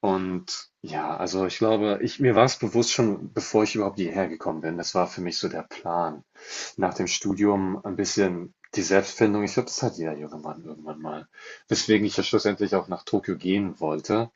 Und ja, also ich glaube, mir war es bewusst schon, bevor ich überhaupt hierher gekommen bin. Das war für mich so der Plan. Nach dem Studium ein bisschen die Selbstfindung. Ich glaube, das hat jeder junge Mann irgendwann mal. Weswegen ich ja schlussendlich auch nach Tokio gehen wollte.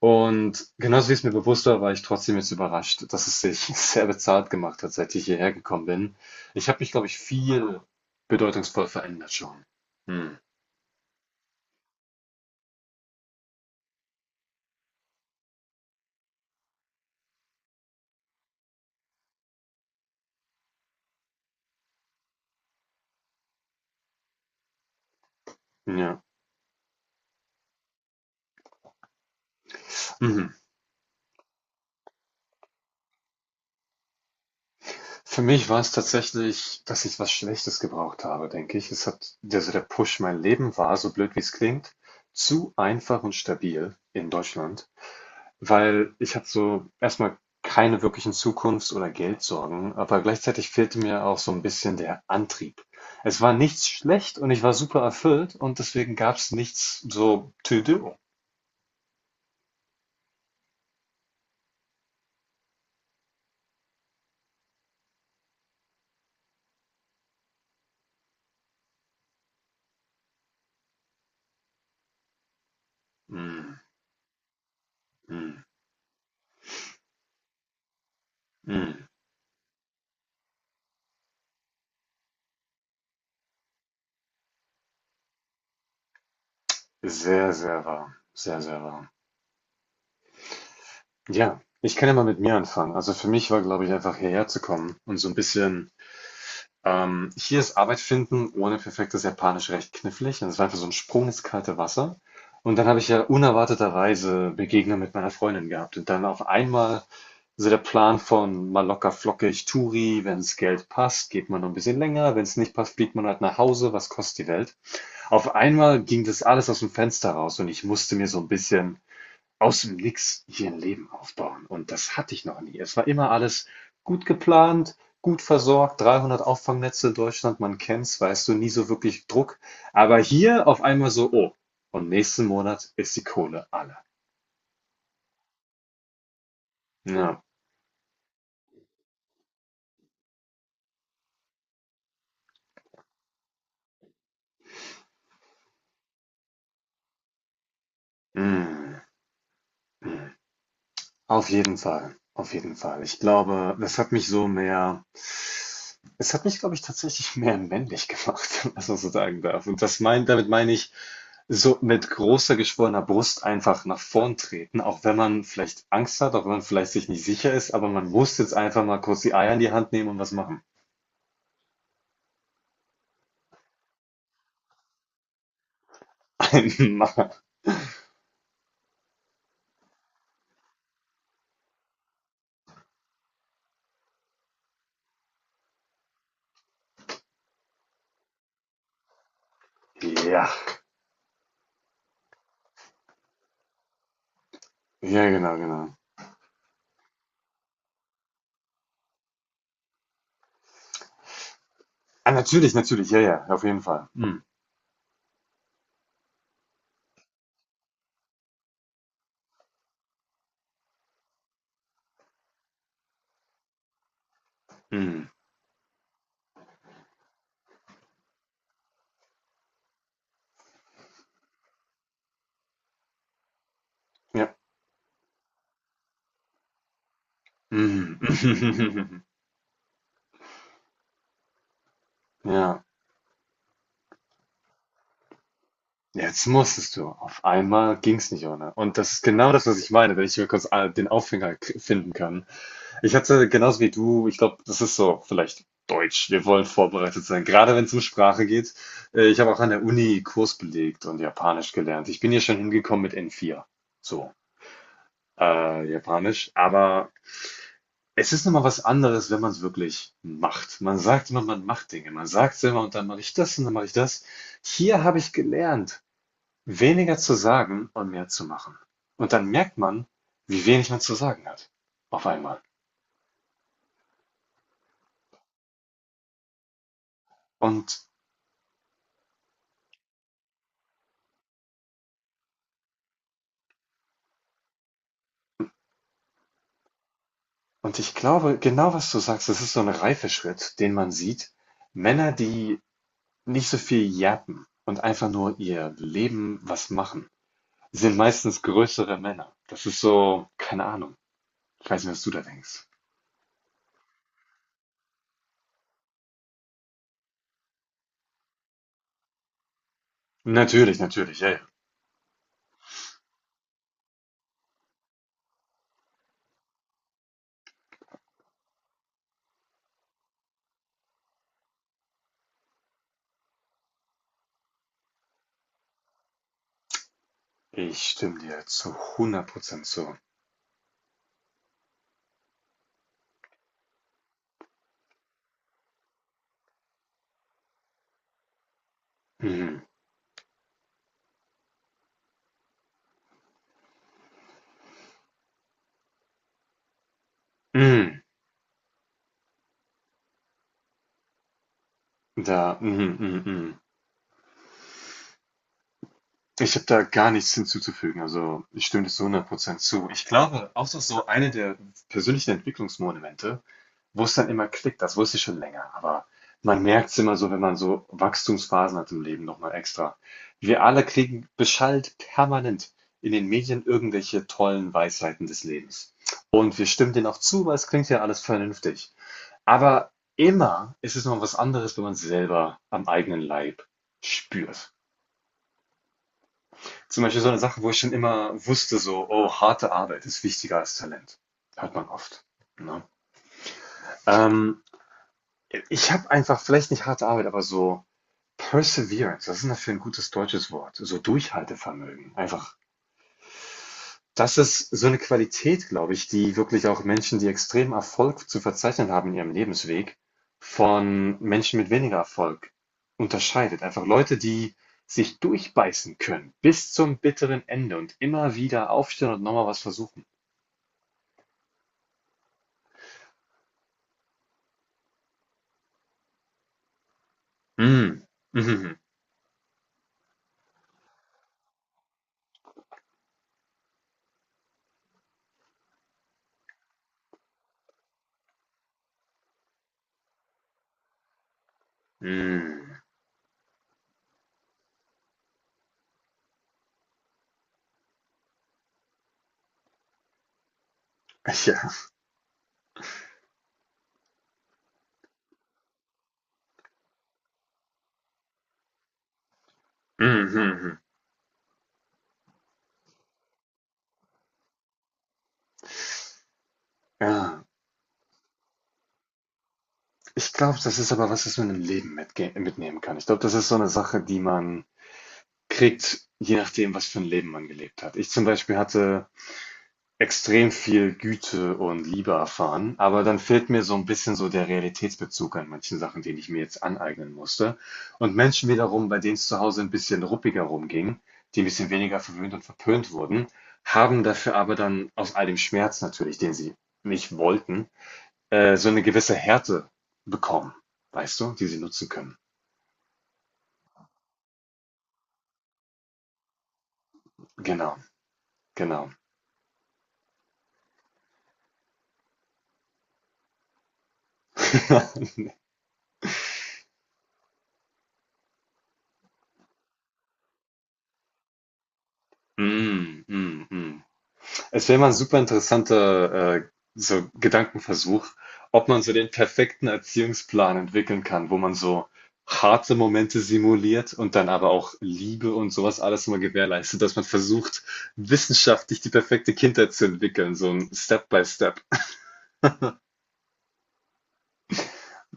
Und genauso wie es mir bewusst war, war ich trotzdem jetzt überrascht, dass es sich sehr bezahlt gemacht hat, seit ich hierher gekommen bin. Ich habe mich, glaube ich, viel bedeutungsvoll verändert schon. Hm. Ja. Mhm. Für mich war es tatsächlich, dass ich was Schlechtes gebraucht habe, denke ich. Es hat also der Push, mein Leben war, so blöd wie es klingt, zu einfach und stabil in Deutschland, weil ich hatte so erstmal keine wirklichen Zukunfts- oder Geldsorgen, aber gleichzeitig fehlte mir auch so ein bisschen der Antrieb. Es war nichts schlecht und ich war super erfüllt und deswegen gab es nichts so to do. Mm, mm, mm. Sehr, sehr warm. Sehr, sehr warm. Ja, ich kann ja mal mit mir anfangen. Also für mich war, glaube ich, einfach hierher zu kommen und so ein bisschen, hier ist Arbeit finden ohne perfektes Japanisch recht knifflig. Und es war einfach so ein Sprung ins kalte Wasser. Und dann habe ich ja unerwarteterweise Begegnung mit meiner Freundin gehabt. Und dann auf einmal so der Plan von mal locker flockig Touri, wenn's Geld passt, geht man noch ein bisschen länger, wenn's nicht passt, fliegt man halt nach Hause, was kostet die Welt? Auf einmal ging das alles aus dem Fenster raus und ich musste mir so ein bisschen aus dem Nix hier ein Leben aufbauen. Und das hatte ich noch nie. Es war immer alles gut geplant, gut versorgt, 300 Auffangnetze in Deutschland, man kennt's, weißt du, nie so wirklich Druck. Aber hier auf einmal so, oh, und nächsten Monat ist die Kohle alle. Ja, mm, auf jeden Fall, auf jeden Fall. Ich glaube, das hat mich so mehr, es hat mich, glaube ich, tatsächlich mehr männlich gemacht, was man so sagen darf. Und damit meine ich, so mit großer geschwollener Brust einfach nach vorn treten, auch wenn man vielleicht Angst hat, auch wenn man vielleicht sich nicht sicher ist, aber man muss jetzt einfach mal kurz die Eier in die Hand nehmen und was machen. Einmal. Ja. Ja, genau, genau. Ah, natürlich, natürlich, ja, ja, auf jeden Fall. Mm, ja. Mm. Ja. Jetzt musstest du. Auf einmal ging's nicht ohne. Und das ist genau das, was ich meine, wenn ich mir kurz den Aufhänger finden kann. Ich hatte genauso wie du, ich glaube, das ist so vielleicht Deutsch. Wir wollen vorbereitet sein, gerade wenn es um Sprache geht. Ich habe auch an der Uni Kurs belegt und Japanisch gelernt. Ich bin hier schon hingekommen mit N4. So, Japanisch. Aber es ist nochmal was anderes, wenn man es wirklich macht. Man sagt immer, man macht Dinge. Man sagt es immer und dann mache ich das und dann mache ich das. Hier habe ich gelernt. Weniger zu sagen und mehr zu machen. Und dann merkt man, wie wenig man zu sagen hat. Auf einmal. Und, und ich glaube, genau was du sagst, das ist so ein Reifeschritt, den man sieht. Männer, die nicht so viel jappen und einfach nur ihr Leben was machen, sind meistens größere Männer. Das ist so, keine Ahnung. Ich weiß nicht, was du da denkst. Natürlich, natürlich, ey. Ich stimme dir zu 100% zu. Mhm. Mhm. Mhm, mhm, mhm. Ich habe da gar nichts hinzuzufügen. Also, ich stimme dir zu hundert Prozent zu. Ich glaube, auch das ist so eine der persönlichen Entwicklungsmomente, wo es dann immer klickt. Das wusste ich schon länger, aber man merkt es immer so, wenn man so Wachstumsphasen hat im Leben noch mal extra. Wir alle kriegen beschallt permanent in den Medien irgendwelche tollen Weisheiten des Lebens. Und wir stimmen denen auch zu, weil es klingt ja alles vernünftig. Aber immer ist es noch was anderes, wenn man es selber am eigenen Leib spürt. Zum Beispiel so eine Sache, wo ich schon immer wusste, so, oh, harte Arbeit ist wichtiger als Talent. Hört man oft. Ne? Ähm, ich habe einfach vielleicht nicht harte Arbeit, aber so Perseverance. Das ist dafür ein gutes deutsches Wort? So Durchhaltevermögen. Einfach. Das ist so eine Qualität, glaube ich, die wirklich auch Menschen, die extrem Erfolg zu verzeichnen haben in ihrem Lebensweg, von Menschen mit weniger Erfolg unterscheidet. Einfach Leute, die sich durchbeißen können bis zum bitteren Ende und immer wieder aufstehen und nochmal was versuchen. Mhm. Mhm. Mhm. Ja. Mhm. Ja. Ich glaube, das ist aber was, was man im Leben mitge mitnehmen kann. Ich glaube, das ist so eine Sache, die man kriegt, je nachdem, was für ein Leben man gelebt hat. Ich zum Beispiel hatte extrem viel Güte und Liebe erfahren, aber dann fehlt mir so ein bisschen so der Realitätsbezug an manchen Sachen, den ich mir jetzt aneignen musste. Und Menschen wiederum, bei denen es zu Hause ein bisschen ruppiger rumging, die ein bisschen weniger verwöhnt und verpönt wurden, haben dafür aber dann aus all dem Schmerz natürlich, den sie nicht wollten, so eine gewisse Härte bekommen, weißt du, die sie nutzen können. Genau, genau. Mhm, mhm, mhm. Es wäre mal ein super interessanter so Gedankenversuch, ob man so den perfekten Erziehungsplan entwickeln kann, wo man so harte Momente simuliert und dann aber auch Liebe und sowas alles immer gewährleistet, dass man versucht, wissenschaftlich die perfekte Kindheit zu entwickeln, so ein Step-by-Step.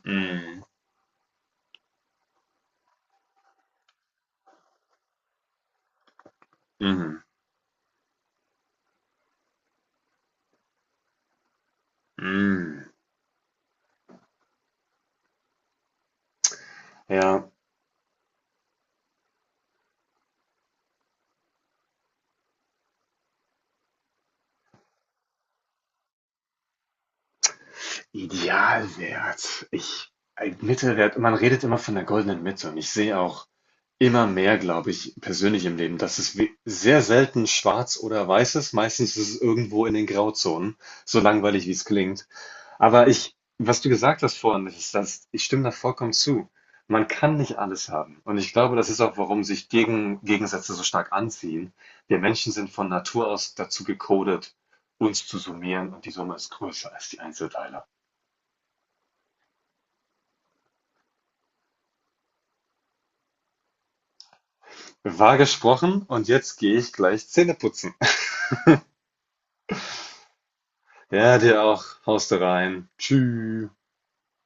Mm, mhm, mm. Ja, Idealwert. Ein Mittelwert, man redet immer von der goldenen Mitte und ich sehe auch, immer mehr, glaube ich, persönlich im Leben, dass es we sehr selten schwarz oder weiß ist. Meistens ist es irgendwo in den Grauzonen, so langweilig, wie es klingt. Aber ich, was du gesagt hast vorhin, das ist das, ich stimme da vollkommen zu. Man kann nicht alles haben. Und ich glaube, das ist auch, warum sich Gegensätze so stark anziehen. Wir Menschen sind von Natur aus dazu gecodet, uns zu summieren und die Summe ist größer als die Einzelteile. Wahr gesprochen und jetzt gehe ich gleich Zähne putzen. Ja, dir auch. Haust du rein. Tschüss.